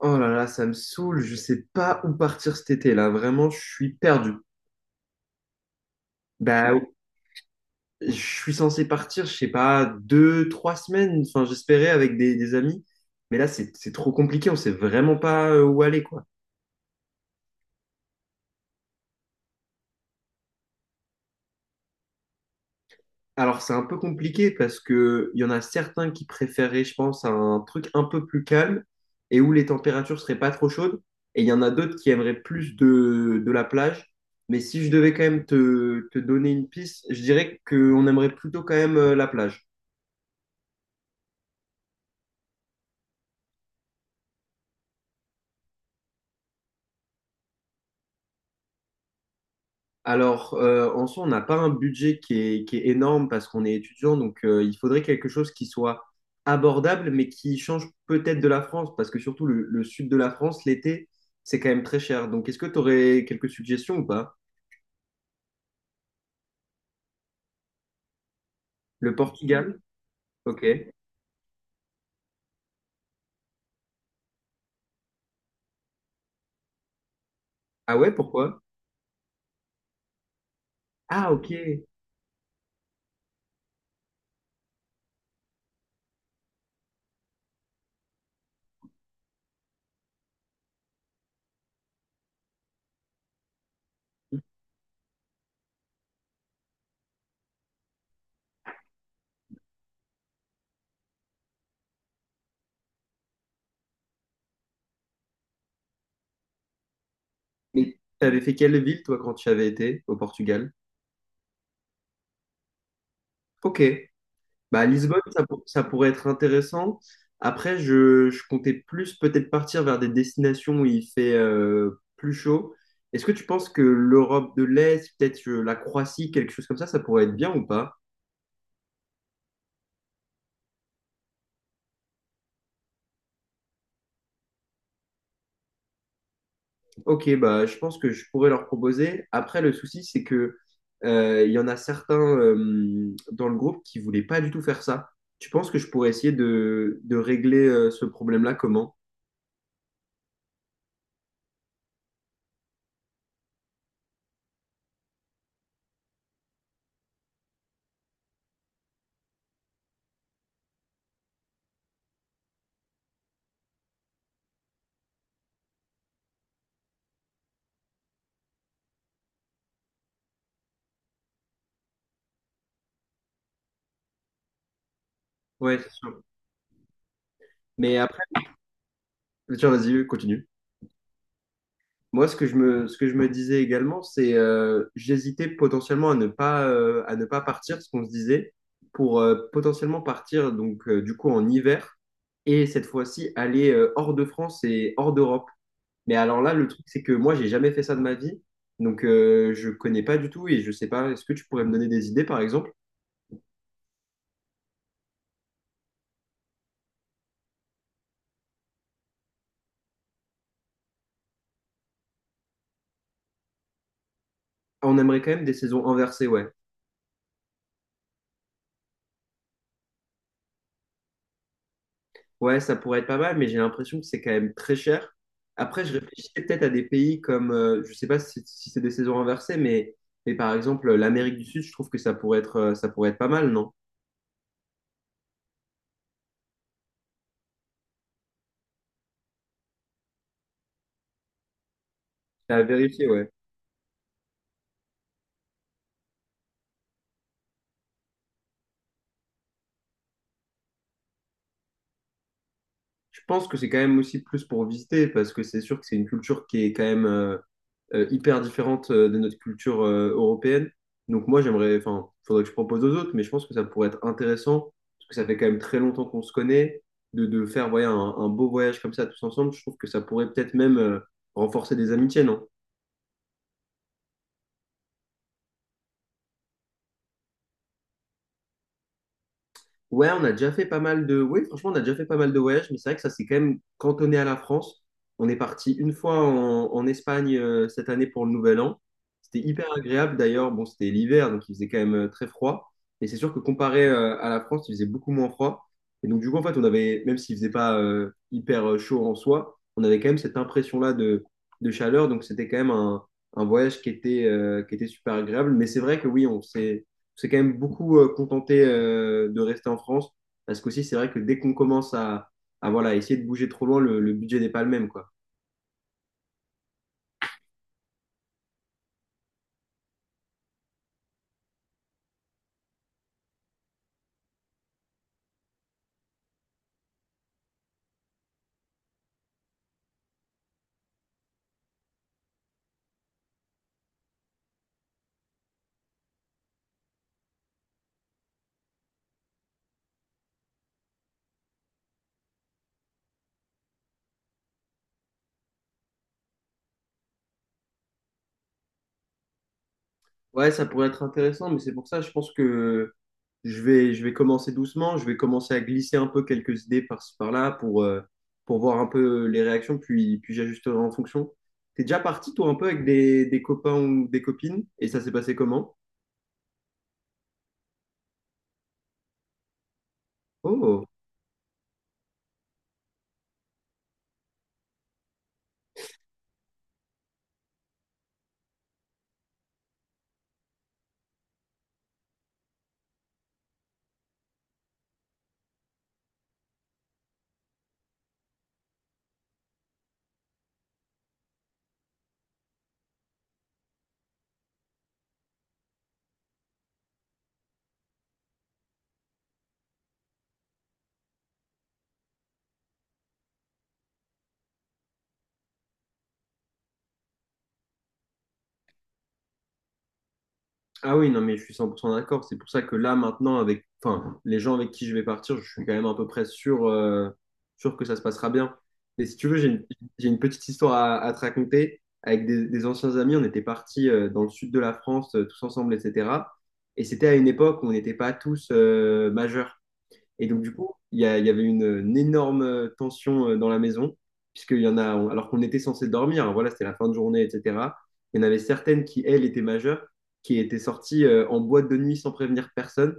Oh là là, ça me saoule, je sais pas où partir cet été là, vraiment, je suis perdu. Bah, je suis censé partir, je sais pas, deux, trois semaines, enfin j'espérais avec des amis, mais là c'est trop compliqué, on sait vraiment pas où aller quoi. Alors, c'est un peu compliqué parce que il y en a certains qui préféraient, je pense, un truc un peu plus calme et où les températures seraient pas trop chaudes. Et il y en a d'autres qui aimeraient plus de la plage. Mais si je devais quand même te donner une piste, je dirais qu'on aimerait plutôt quand même la plage. Alors, en soi, on n'a pas un budget qui est énorme parce qu'on est étudiant, donc il faudrait quelque chose qui soit abordable, mais qui change peut-être de la France, parce que surtout le sud de la France, l'été, c'est quand même très cher. Donc, est-ce que tu aurais quelques suggestions ou pas? Le Portugal? Ok. Ah ouais, pourquoi? Ah ok. Mais t'avais fait quelle ville, toi, quand tu avais été au Portugal? Ok. Bah, Lisbonne, ça, ça pourrait être intéressant. Après, je comptais plus peut-être partir vers des destinations où il fait plus chaud. Est-ce que tu penses que l'Europe de l'Est, peut-être la Croatie, quelque chose comme ça pourrait être bien ou pas? Ok, bah, je pense que je pourrais leur proposer. Après, le souci, c'est que il y en a certains dans le groupe qui voulaient pas du tout faire ça. Tu penses que je pourrais essayer de régler ce problème-là comment? Ouais, c'est sûr. Mais après, tiens, vas-y, continue. Moi, ce que je me disais également, c'est j'hésitais potentiellement à ne pas partir, ce qu'on se disait, pour potentiellement partir donc du coup en hiver et cette fois-ci aller hors de France et hors d'Europe. Mais alors là, le truc, c'est que moi, j'ai jamais fait ça de ma vie, donc je connais pas du tout et je sais pas. Est-ce que tu pourrais me donner des idées, par exemple? On aimerait quand même des saisons inversées, ouais. Ouais, ça pourrait être pas mal, mais j'ai l'impression que c'est quand même très cher. Après, je réfléchissais peut-être à des pays comme, je sais pas si c'est des saisons inversées, mais par exemple l'Amérique du Sud, je trouve que ça pourrait être pas mal, non? À vérifier, ouais. Je pense que c'est quand même aussi plus pour visiter, parce que c'est sûr que c'est une culture qui est quand même, hyper différente de notre culture européenne. Donc moi, j'aimerais, enfin, faudrait que je propose aux autres, mais je pense que ça pourrait être intéressant, parce que ça fait quand même très longtemps qu'on se connaît, de faire voyez, un beau voyage comme ça tous ensemble. Je trouve que ça pourrait peut-être même renforcer des amitiés, non? Ouais, on a déjà fait pas mal de... Oui, franchement, on a déjà fait pas mal de voyages, mais c'est vrai que ça s'est quand même cantonné à la France. On est parti une fois en Espagne cette année pour le Nouvel An. C'était hyper agréable d'ailleurs. Bon, c'était l'hiver, donc il faisait quand même très froid. Et c'est sûr que comparé à la France, il faisait beaucoup moins froid. Et donc du coup, en fait, on avait, même s'il faisait pas hyper chaud en soi, on avait quand même cette impression-là de chaleur. Donc c'était quand même un voyage qui était super agréable. Mais c'est vrai que oui, on s'est c'est quand même beaucoup contenté de rester en France parce qu'aussi, c'est vrai que dès qu'on commence à voilà, essayer de bouger trop loin, le budget n'est pas le même, quoi. Ouais, ça pourrait être intéressant, mais c'est pour ça, je pense que je vais commencer doucement, je vais commencer à glisser un peu quelques idées par-ci, par-là pour voir un peu les réactions, puis j'ajusterai en fonction. T'es déjà parti, toi, un peu avec des copains ou des copines, et ça s'est passé comment? Oh! Ah oui, non, mais je suis 100% d'accord. C'est pour ça que là, maintenant, avec enfin, les gens avec qui je vais partir, je suis quand même à peu près sûr que ça se passera bien. Et si tu veux, j'ai une petite histoire à te raconter. Avec des anciens amis, on était partis dans le sud de la France, tous ensemble, etc. Et c'était à une époque où on n'était pas tous majeurs. Et donc, du coup, il y avait une énorme tension dans la maison, puisqu'il y en a, on- alors qu'on était censé dormir, hein, voilà, c'était la fin de journée, etc. Il y en avait certaines qui, elles, étaient majeures, qui étaient sorties en boîte de nuit sans prévenir personne.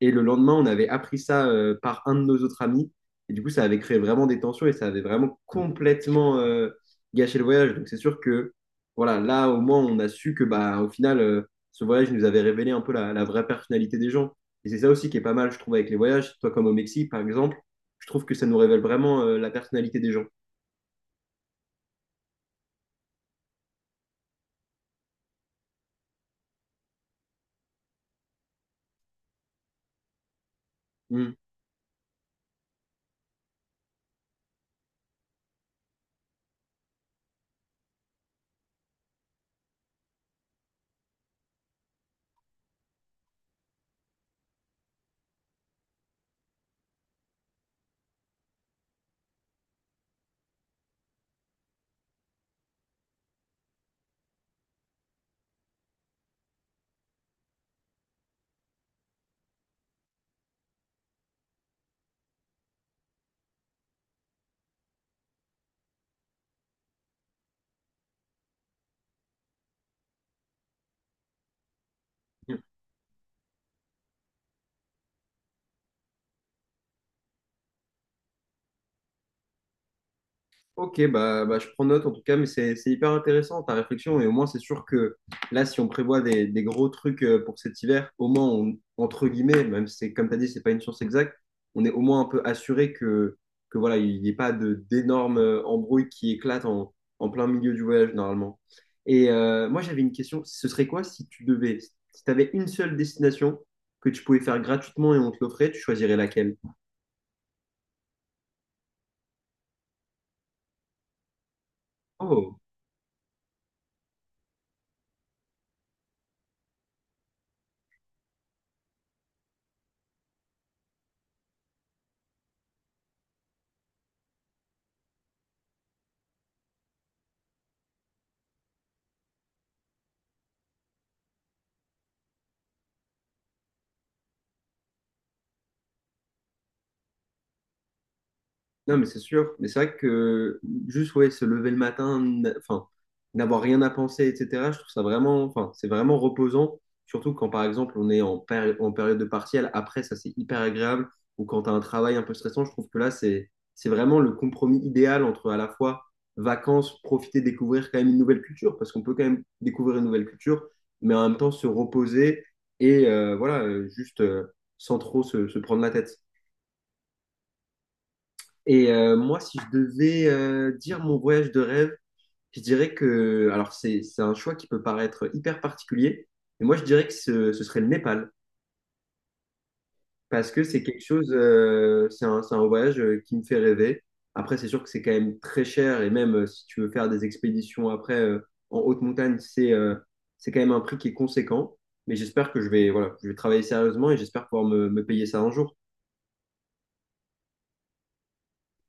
Et le lendemain, on avait appris ça par un de nos autres amis. Et du coup, ça avait créé vraiment des tensions et ça avait vraiment complètement gâché le voyage. Donc, c'est sûr que, voilà, là, au moins, on a su que, bah, au final, ce voyage nous avait révélé un peu la vraie personnalité des gens. Et c'est ça aussi qui est pas mal, je trouve, avec les voyages. Toi, comme au Mexique, par exemple, je trouve que ça nous révèle vraiment la personnalité des gens. Mm. Ok, bah, je prends note en tout cas, mais c'est hyper intéressant ta réflexion. Et au moins, c'est sûr que là, si on prévoit des gros trucs pour cet hiver, au moins, entre guillemets, même si c'est comme tu as dit, c'est pas une science exacte, on est au moins un peu assuré que voilà, il n'y ait pas de d'énormes embrouilles qui éclatent en plein milieu du voyage normalement. Et moi, j'avais une question. Ce serait quoi si tu devais, si tu avais une seule destination que tu pouvais faire gratuitement et on te l'offrait, tu choisirais laquelle? Oh. Non, mais c'est sûr. Mais c'est vrai que juste, ouais, se lever le matin, enfin, n'avoir rien à penser, etc., je trouve ça vraiment, enfin, c'est vraiment reposant. Surtout quand, par exemple, on est en période de partiel. Après, ça, c'est hyper agréable. Ou quand tu as un travail un peu stressant, je trouve que là, c'est vraiment le compromis idéal entre à la fois vacances, profiter, découvrir quand même une nouvelle culture, parce qu'on peut quand même découvrir une nouvelle culture, mais en même temps se reposer et voilà, juste sans trop se prendre la tête. Et moi, si je devais dire mon voyage de rêve, je dirais que, alors c'est un choix qui peut paraître hyper particulier, mais moi je dirais que ce serait le Népal, parce que c'est quelque chose, c'est un voyage qui me fait rêver. Après, c'est sûr que c'est quand même très cher, et même si tu veux faire des expéditions après en haute montagne, c'est quand même un prix qui est conséquent. Mais j'espère que je vais, voilà, je vais travailler sérieusement et j'espère pouvoir me payer ça un jour.